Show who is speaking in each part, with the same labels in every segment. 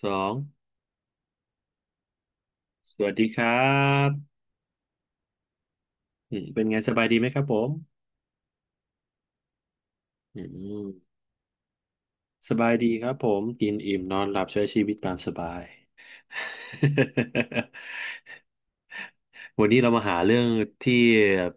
Speaker 1: สองสวัสดีครับอืมเป็นไงสบายดีไหมครับผมอืมสบายดีครับผมกินอิ่มนอนหลับใช้ชีวิตตามสบาย วันนี้เรามาหาเรื่องที่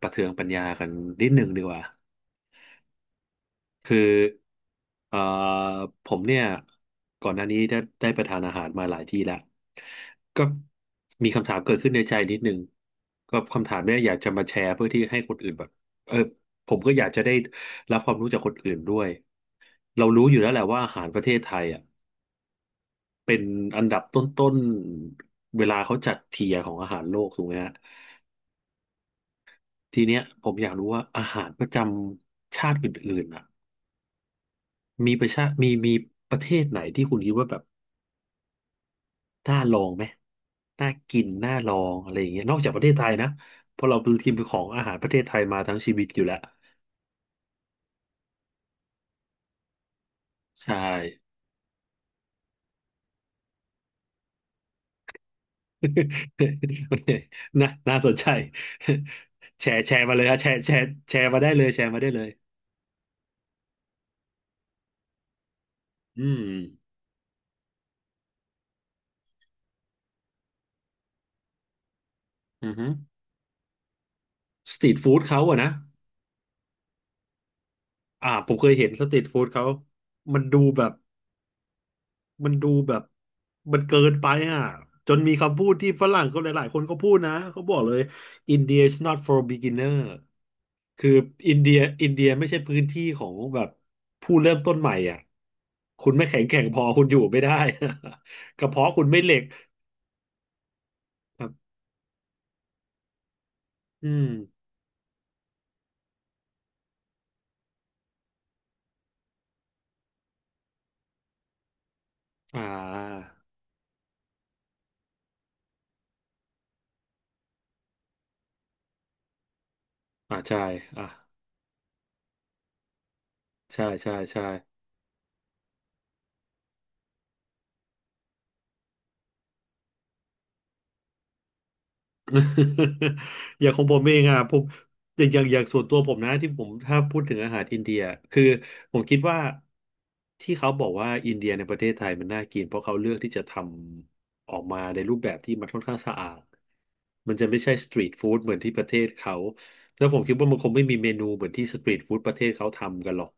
Speaker 1: ประเทืองปัญญากันนิดหนึ่งดีกว่า คือเอ่อผมเนี่ยก่อนหน้านี้ได้ไปทานอาหารมาหลายที่แล้วก็มีคำถามเกิดขึ้นในใจนิดนึงก็คำถามเนี่ยอยากจะมาแชร์เพื่อที่ให้คนอื่นแบบเออผมก็อยากจะได้รับความรู้จากคนอื่นด้วยเรารู้อยู่แล้วแหละว่าอาหารประเทศไทยอ่ะเป็นอันดับต้นๆเวลาเขาจัดเทียร์ของอาหารโลกถูกไหมฮะทีเนี้ยผมอยากรู้ว่าอาหารประจำชาติอื่นๆอ่ะมีประชามีประเทศไหนที่คุณคิดว่าแบบ น่าลองไหมน่ากิน น่าลองอะไรอย่างเงี้ยนอกจากประเทศไทยนะ เพราะเราเป็นทีมของอาหารประเทศไทยมาทั้งชีวิตอยู่แล้ว ใช่ โอเคน่าสนใจ แชร์มาเลยนะแชร์มาได้เลยแชร์มาได้เลย อืมอือฮึสตรีทฟู้ดเขาอะนะอ่าผมเคยเห็นสตรีทฟู้ดเขา มันดูแบบ มันดูแบบมันเกินไปอ่ะจนมีคำพูดที่ฝรั่งเขาหลายๆคนเขาพูดนะเขาบอกเลย India is not for beginner คืออินเดียไม่ใช่พื้นที่ของแบบผู้เริ่มต้นใหม่อ่ะคุณไม่แข็งแกร่งพอคุณอยู่ไม่ได้ กระเพาะคุณไม่เหล็กครับอืมอ่าอ่าใช่อ่าใช่ใช่ใช่ อย่างของผมเองอ่ะผมอย่างส่วนตัวผมนะที่ผมถ้าพูดถึงอาหารอินเดียคือผมคิดว่าที่เขาบอกว่าอินเดียในประเทศไทยมันน่ากินเพราะเขาเลือกที่จะทำออกมาในรูปแบบที่มันค่อนข้างสะอาดมันจะไม่ใช่สตรีทฟู้ดเหมือนที่ประเทศเขาแล้วผมคิดว่ามันคงไม่มีเมนูเหมือนที่สตรีทฟู้ดประเทศเขาทำกันหรอก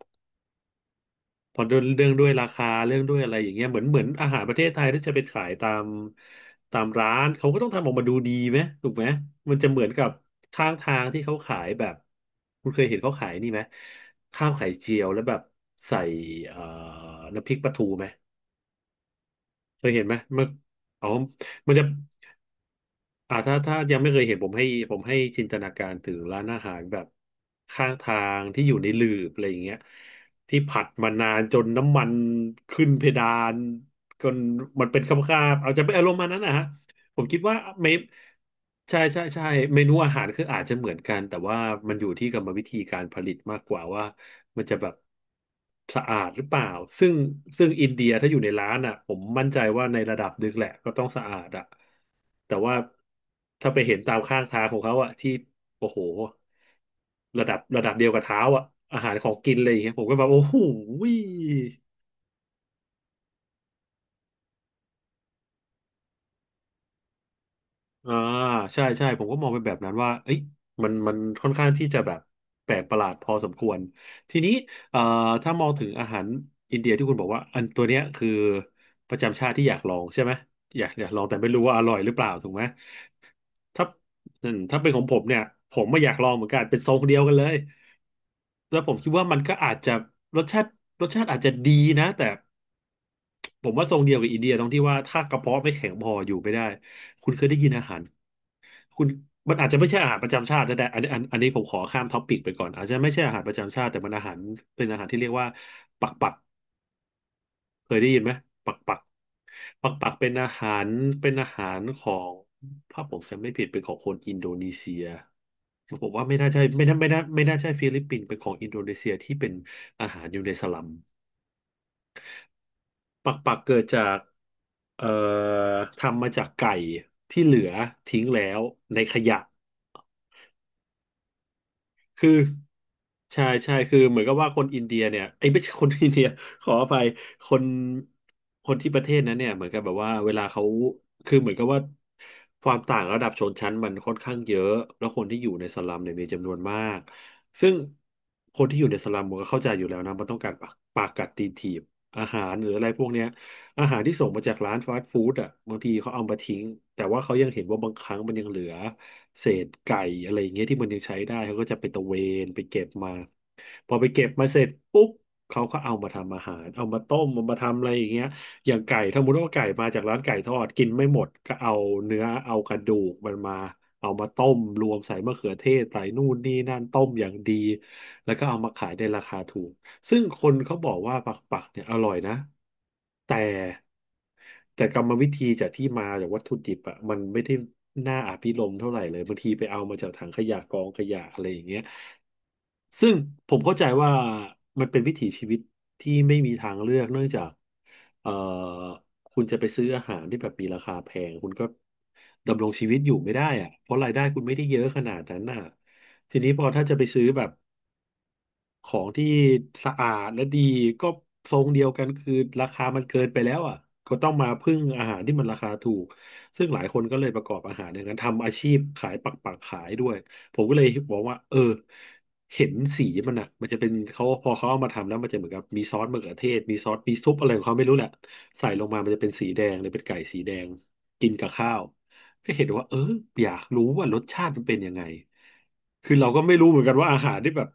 Speaker 1: พอเรื่องด้วยราคาเรื่องด้วยอะไรอย่างเงี้ยเหมือนอาหารประเทศไทยที่จะไปขายตามร้านเขาก็ต้องทำออกมาดูดีไหมถูกไหมมันจะเหมือนกับข้างทางที่เขาขายแบบคุณเคยเห็นเขาขายนี่ไหมข้าวไข่เจียวแล้วแบบใส่เอ่อน้ำพริกปลาทูไหมเคยเห็นไหมมันอ๋อมันจะ อ่าถ้ายังไม่เคยเห็นผมให้จินตนาการถึงร้านอาหารแบบข้างทางที่อยู่ในหลืบอะไรอย่างเงี้ยที่ผัดมานานจนน้ำมันขึ้นเพดานจนมันเป็นคำคาบๆอาจจะเป็นอารมณ์มานั้นนะฮะ ผมคิดว่าเมนใช่ใช่ใช่เมนูอาหารคืออาจจะเหมือนกันแต่ว่ามันอยู่ที่กรรมวิธีการผลิตมากกว่าว่ามันจะแบบสะอาดหรือเปล่าซึ่งอินเดียถ้าอยู่ในร้านอ่ะผมมั่นใจว่าในระดับหนึงแหละก็ต้องสะอาดอ่ะแต่ว่าถ้าไปเห็นตามข้างทางของเขาอ่ะที่โอ้โหระดับเดียวกับเท้าอ่ะอาหารของกินเลยอย่างเงี้ยผมก็แบบโอ้โห อ่าใช่ใช่ผมก็มองเป็นแบบนั้นว่าเอ้ยมันค่อนข้างที่จะแบบแปลกประหลาดพอสมควรทีนี้เอ่อถ้ามองถึงอาหารอินเดียที่คุณบอกว่าอันตัวเนี้ยคือประจำชาติที่อยากลองใช่ไหมอยากลองแต่ไม่รู้ว่าอร่อยหรือเปล่าถูกไหมถ้าอืมถ้าเป็นของผมเนี่ยผมไม่อยากลองเหมือนกันเป็นทรงเดียวกันเลยแล้วผมคิดว่ามันก็อาจจะรสชาติอาจจะดีนะแต่ผมว่าทรงเดียวกับอินเดียตรงที่ว่าถ้ากระเพาะไม่แข็งพออยู่ไม่ได้คุณเคยได้ยินอาหาร คุณมันอาจจะไม่ใช่อาหารประจำชาติก็ได้อันนี้อันนี้ผมขอข้ามท็อปปิกไปก่อนอาจจะไม่ใช่อาหารประจำชาติแต่มันอาหารเป็นอาหารที่เรียกว่าปักปักเคยได้ยินไหมปักปักปักปักเป็นอาหารเป็นอาหารของถ้าผมจำไม่ผิดเป็นของคนอินโดนีเซียผมว่าไม่น่าใช่ไม่น่าใช่ฟิลิปปินส์เป็นของอินโดนีเซียที่เป็นอาหารอยู่ในสลัมปักปักเกิดจากเอ่อทำมาจากไก่ที่เหลือทิ้งแล้วในขยะ คือใช่ใช่คือเหมือนกับว่าคนอินเดียเนี่ยไอ้ยไม่ใช่คนอินเดีย ขออภัยคนที่ประเทศนั้นเนี่ยเหมือนกับแบบว่าเวลาเขาคือเหมือนกับว่าความต่างระดับชนชั้นมันค่อนข้างเยอะแล้วคนที่อยู่ในสลัมเนี่ยมีจำนวนมากซึ่งคนที่อยู่ในสลัมมันก็เข้าใจอยู่แล้วนะมันต้องการปากกัดตีนถีบอาหารหรืออะไรพวกเนี้ยอาหารที่ส่งมาจากร้านฟาสต์ฟู้ดอ่ะบางทีเขาเอามาทิ้งแต่ว่าเขายังเห็นว่าบางครั้งมันยังเหลือ เศษไก่อะไรอย่างเงี้ยที่มันยังใช้ได้เขาก็จะไปตะเวนไปเก็บมาพอไปเก็บมาเสร็จปุ๊บเขาก็เอามาทำอาหารเอามาต้มเอามาทำอะไรอย่างเงี้ยอย่างไก่ถ้าสมมติว่าไก่มาจากร้านไก่ทอดกินไม่หมดก็เอาเนื้อเอากระดูกมันมาเอามาต้มรวมใส่มะเขือเทศใส่นู่นนี่นั่นต้มอย่างดีแล้วก็เอามาขายในราคาถูก ซึ่งคนเขาบอกว่าปักปักเนี่ยอร่อยนะแต่แต่กรรมวิธีจากที่มาจากวัตถุดิบอ่ะมันไม่ได้น่าอภิรมย์เท่าไหร่เลยบางทีไปเอามาจากถังขยะกองขยะอะไรอย่างเงี้ยซึ่งผมเข้าใจว่ามันเป็นวิถีชีวิตที่ไม่มีทางเลือกเนื่องจากเอ่อคุณจะไปซื้ออาหารที่แบบมีราคาแพงคุณก็ดำรงชีวิตอยู่ไม่ได้อะเพราะรายได้คุณไม่ได้เยอะขนาดนั้นน่ะทีนี้พอถ้าจะไปซื้อแบบ ของที่สะอาดและดีก็ทรงเดียวกันคือราคามันเกินไปแล้วอ่ะก็ต้องมาพึ่งอาหารที่มันราคาถูกซึ่งหลายคนก็เลยประกอบอาหารอย่างนั้นทำอาชีพขายปักปักขายด้วยผมก็เลยบอกว่าเออเห็นสีมันอ่ะมันจะเป็นเขาพอเขาเอามาทำแล้วมันจะเหมือนกับมีซอสมะเขือเทศมีซอสมีซุปอะไรของเขาไม่รู้แหละใส่ลงมามันจะเป็นสีแดงเลยเป็นไก่สีแดงกินกับข้าว ก็เห็นว่าเอออยากรู้ว่ารสชาติมันเป็นยังไงคือเราก็ไม่รู้เหมือนกันว่าอาหารที่แบบ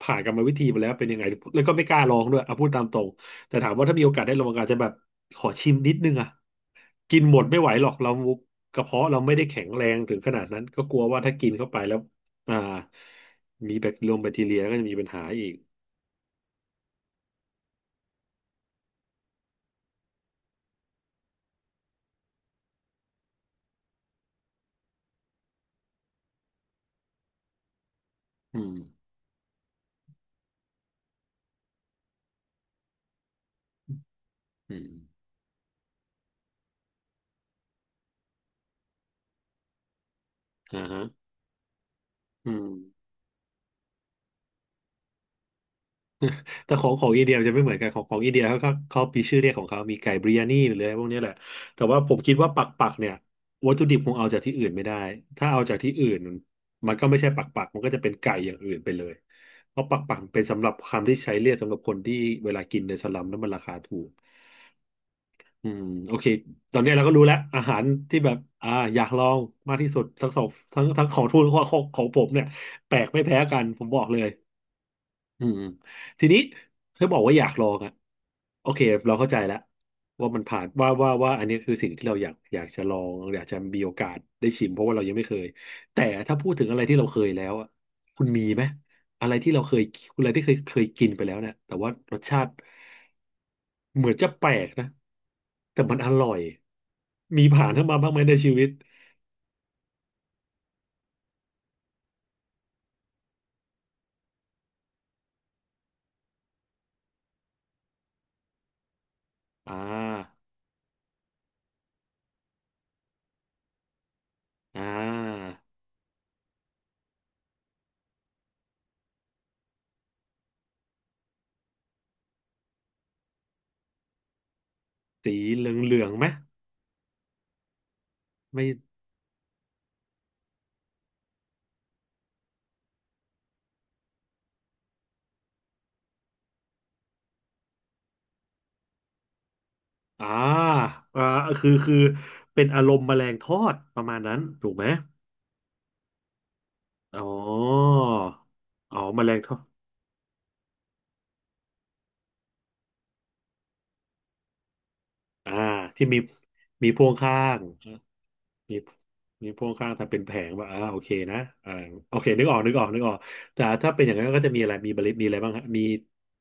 Speaker 1: ผ่านกรรมวิธีมาแล้วเป็นยังไงแล้วก็ไม่กล้าลองด้วยเอาพูดตามตรงแต่ถามว่าถ้ามีโอกาสได้ลองอาจจะแบบขอชิมนิดนึงอ่ะกินหมดไม่ไหวหรอกเรากระเพาะเราไม่ได้แข็งแรงถึงขนาดนั้นก็กลัวว่าถ้ากินเข้าไปแล้วอ่ามีแบคทีเรียก็จะมีปัญหาอีกอืมอืมอ่าฮะอืม แต่ของอินเดียมันจะไม่เหมือนกันของอินเดียเขามีชื่อเรียกของเขามีไก่บริยานีหรืออะไรพวกนี้แหละแต่ว่าผมคิดว่าปักปักเนี่ยวัตถุดิบคงเอาจากที่อื่นไม่ได้ ถ้าเอาจากที่อื่นมันก็ไม่ใช่ปักปักมันก็จะเป็นไก่อย่างอื่นไปเลยเพราะปักปักเป็นสำหรับคำที่ใช้เรียกสำหรับคนที่เวลากินในสลัมแล้วมันราคาถูกอืมโอเคตอนนี้เราก็รู้แล้วอาหารที่แบบอยากลองมากที่สุดทั้งสองทั้งของทูนของผมเนี่ยแปลกไม่แพ้กันผมบอกเลย อืมทีนี้เธอบอกว่าอยากลองอะโอเคเราเข้าใจแล้วว่ามันผ่านว่าอันนี้คือสิ่งที่เราอยากจะลองอยากจะมีโอกาสได้ชิมเพราะว่าเรายังไม่เคยแต่ถ้าพูดถึงอะไรที่เราเคยแล้วอะคุณมีไหมอะไรที่เราเคยคุณอะไรที่เคยกินไปแล้วเนี่ยแต่ว่ารสชาติเหมือนจะแปลกนะแต่มันอร่อยมีผ่านเข้ามาบ้างไหมในชีวิตอ่าอ่าสีเหลืองๆไหมไม่ อ่าอ่าคือเป็นอารมณ์แมลงทอดประมาณนั้นถูกไหมอ๋ออ๋อแมลงทอดอ่าที่มีมีพ่วงข้างมีมีพ่วงข้างแต่เป็นแผงว่าอ่าโอเคนะอ่าโอเคนึกออกแต่ถ้าเป็นอย่างนั้นก็จะมีอะไรมีบริษมีอะไรบ้างฮะมี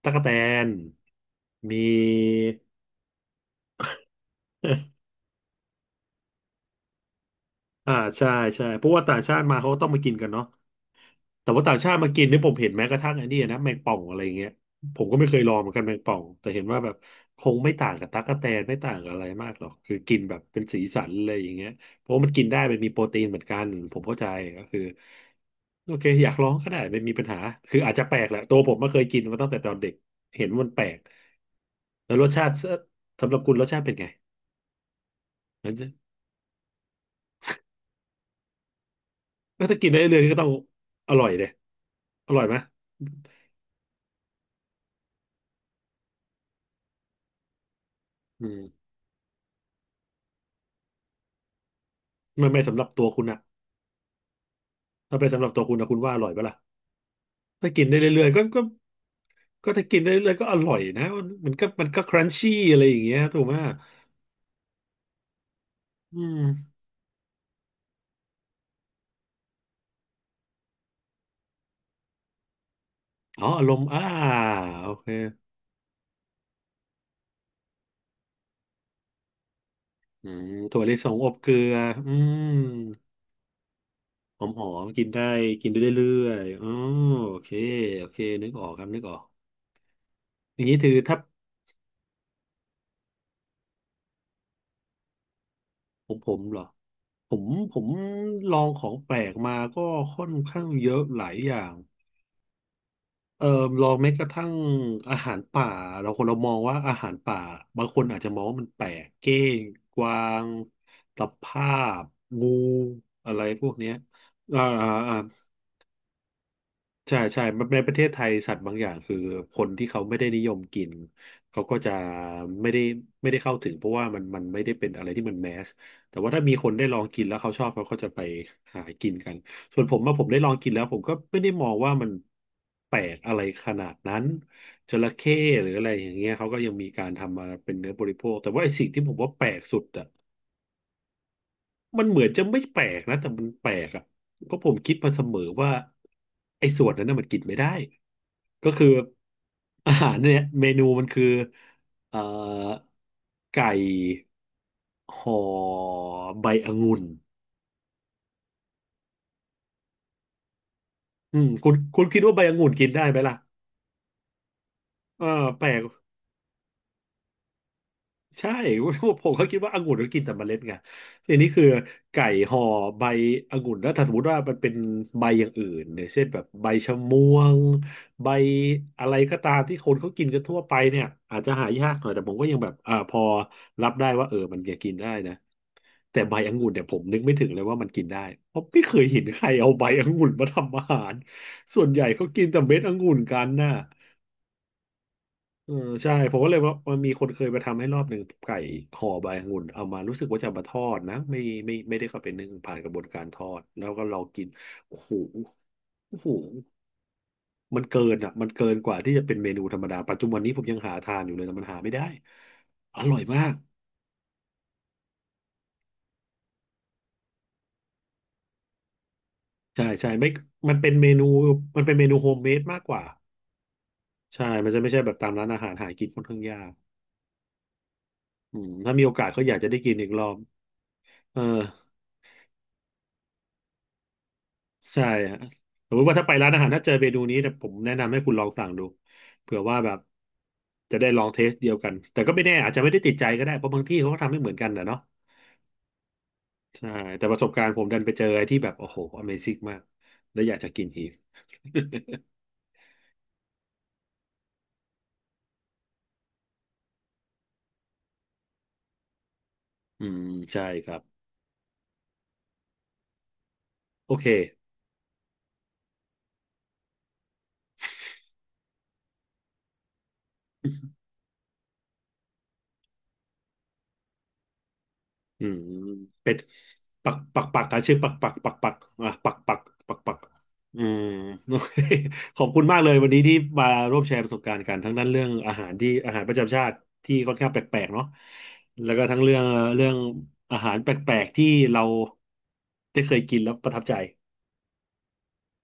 Speaker 1: ตั๊กแตนมี อ่าใช่ใช่เพราะว่าต่างชาติมาเขาก็ต้องมากินกันเนาะ แต่ว่าต่างชาติมากินเนี่ยผมเห็นแม้กระทั่งไอ้นี่นะแมงป่องอะไรเงี้ยผมก็ไม่เคยลองเหมือนกันแมงป่องแต่เห็นว่าแบบคงไม่ต่างกับตั๊กแตนไม่ต่างกับอะไรมากหรอกคือกินแบบเป็นสีสันอะไรอย่างเงี้ยเพราะว่ามันกินได้มันมีโปรตีนเหมือนกันผมเข้าใจก็คือโอเคอยากลองก็ได้ไม่มีปัญหาคืออาจจะแปลกแหละตัวผมไม่เคยกินมาตั้งแต่ตอนเด็กเห็นว่ามันแปลกแล้วรสชาติสำหรับคุณรสชาติเป็นไงงั้นจะก็ถ้ากินได้เรื่อยๆก็ต้องอร่อยเลยอร่อยไหมอืมไม่ไม่สำหรับตัวคุณอะ ถ้าเป็นสำหรับตัวคุณนะคุณว่าอร่อยปะล่ะถ้ากินได้เรื่อยๆก็ก็ถ้ากินได้เรื่อยๆก็อร่อยนะมันก็ครันชี่อะไรอย่างเงี้ยถูกไหมอืมอ๋ออารมณ์อ่าโอเคอืมถั่วลิสงอบเกลืออืมหอมๆกินได้กินได้เรื่อยๆอ๋อโอเคโอเคนึกออกครับนึกออกอย่างนี้ถือถ้าผมเหรอผมผมลองของแปลกมาก็ค่อนข้างเยอะหลายอย่าง เอ่อลองแม้กระทั่งอาหารป่าเราคนเรามองว่าอาหารป่าบางคนอาจจะมองว่ามันแปลกเก้งกวางตะภาพงูอะไรพวกเนี้ยอ่าอ่าอ่า ใช่ใช่ในประเทศไทยสัตว์บางอย่างคือคนที่เขาไม่ได้นิยมกินเขาก็จะไม่ได้ไม่ได้เข้าถึงเพราะว่ามันมันไม่ได้เป็นอะไรที่มันแมสแต่ว่าถ้ามีคนได้ลองกินแล้วเขาชอบเขาก็จะไปหากินกันส่วนผมมาผมได้ลองกินแล้วผมก็ไม่ได้มองว่ามันแปลกอะไรขนาดนั้นจระเข้หรืออะไรอย่างเงี้ยเขาก็ยังมีการทำมาเป็นเนื้อบริโภคแต่ว่าไอ้สิ่งที่ผมว่าแปลกสุดอะ มันเหมือนจะไม่แปลกนะแต่มันแปลกอ่ะเพราะผมคิดมาเสมอว่าไอ้ส่วนนั้นน่ะมันกินไม่ได้ก็คืออาหารเนี่ยเมนูมันคือเอ่อไก่ห่อใบองุ่นอืมคุณคิดว่าใบองุ่นกินได้ไหมล่ะเออแปลก ใช่ ผมก็คิดว่าองุ่นก็กินแต่เมล็ดไงทีนี้คือไก่ห่อใบองุ่นแล้วถ้าสมมติว่ามันเป็นใบอย่างอื่นเนี่ยเช่นแบบใบชะม่วงใบอะไรก็ตามที่คนเขากินกันทั่วไปเนี่ยอาจจะหายากหน่อยแต่ผมก็ยังแบบพอรับได้ว่าเออมันจะกินได้นะแต่ใบองุ่นเนี่ยผมนึกไม่ถึงเลยว่ามันกินได้เพราะไม่เคยเห็นใครเอาใบองุ่นมาทำอาหารส่วนใหญ่เขากินแต่เม็ดองุ่นกันน่ะ เออใช่ผมก็เลยว่ามันมีคนเคยมาทำให้รอบหนึ่งไก่ห่อใบองุ่นเอามารู้สึกว่าจะมาทอดนะไม่ได้เข้าไปนึ่งผ่านกระบวนการทอดแล้วก็ลองกินโอ้โหโอ้โหมันเกินอ่ะมันเกินกว่าที่จะเป็นเมนูธรรมดาปัจจุบันนี้ผมยังหาทานอยู่เลยแต่มันหาไม่ได้อร่อยมากใช่ใช่ไม่มันเป็นเมนูมันเป็นเมนูโฮมเมดมากกว่าใช่มันจะไม่ใช่แบบตามร้านอาหารหากินค่อนข้างยากอืมถ้ามีโอกาสก็อยากจะได้กินอีกรอบเออ ใช่ฮะสมมติว่าถ้าไปร้านอาหารถ้าเจอเมนูนี้เนี่ยผมแนะนำให้คุณลองสั่งดูเผื่อว่าแบบจะได้ลองเทสเดียวกันแต่ก็ไม่แน่อาจจะไม่ได้ติดใจก็ได้เพราะบางที่เขาก็ทำไม่เหมือนกันนะเนาะใช่แต่ประสบการณ์ผมดันไปเจออะไรที่แบบโอ้โห Amazing มากแล้วอยากจะกินอีก อืมใช่ครับโอเค อืมเป็ดปักปักปักอ่ะชื่อปักปักปักปักอ่ะปักปักปักปักอืมโอเค ขอบคุณมากเลยวันนี้ที่มาร่วมแชร์ประสบการณ์กันทั้งนั้นเรื่องอาหารที่อาหารประจำชาติที่ค่อนข้างแปลกๆเนาะแล้วก็ทั้งเรื่องเรื่องอาหารแปลกๆที่เราได้เคยกินแล้วประทับใจ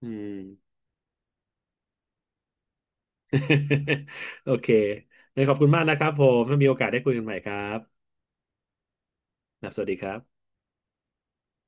Speaker 1: อืม โอเคงั้นขอบคุณมากนะครับผมถ้ามีโอกาสได้คุยกันใหม่ครับครับสวัสดีครับ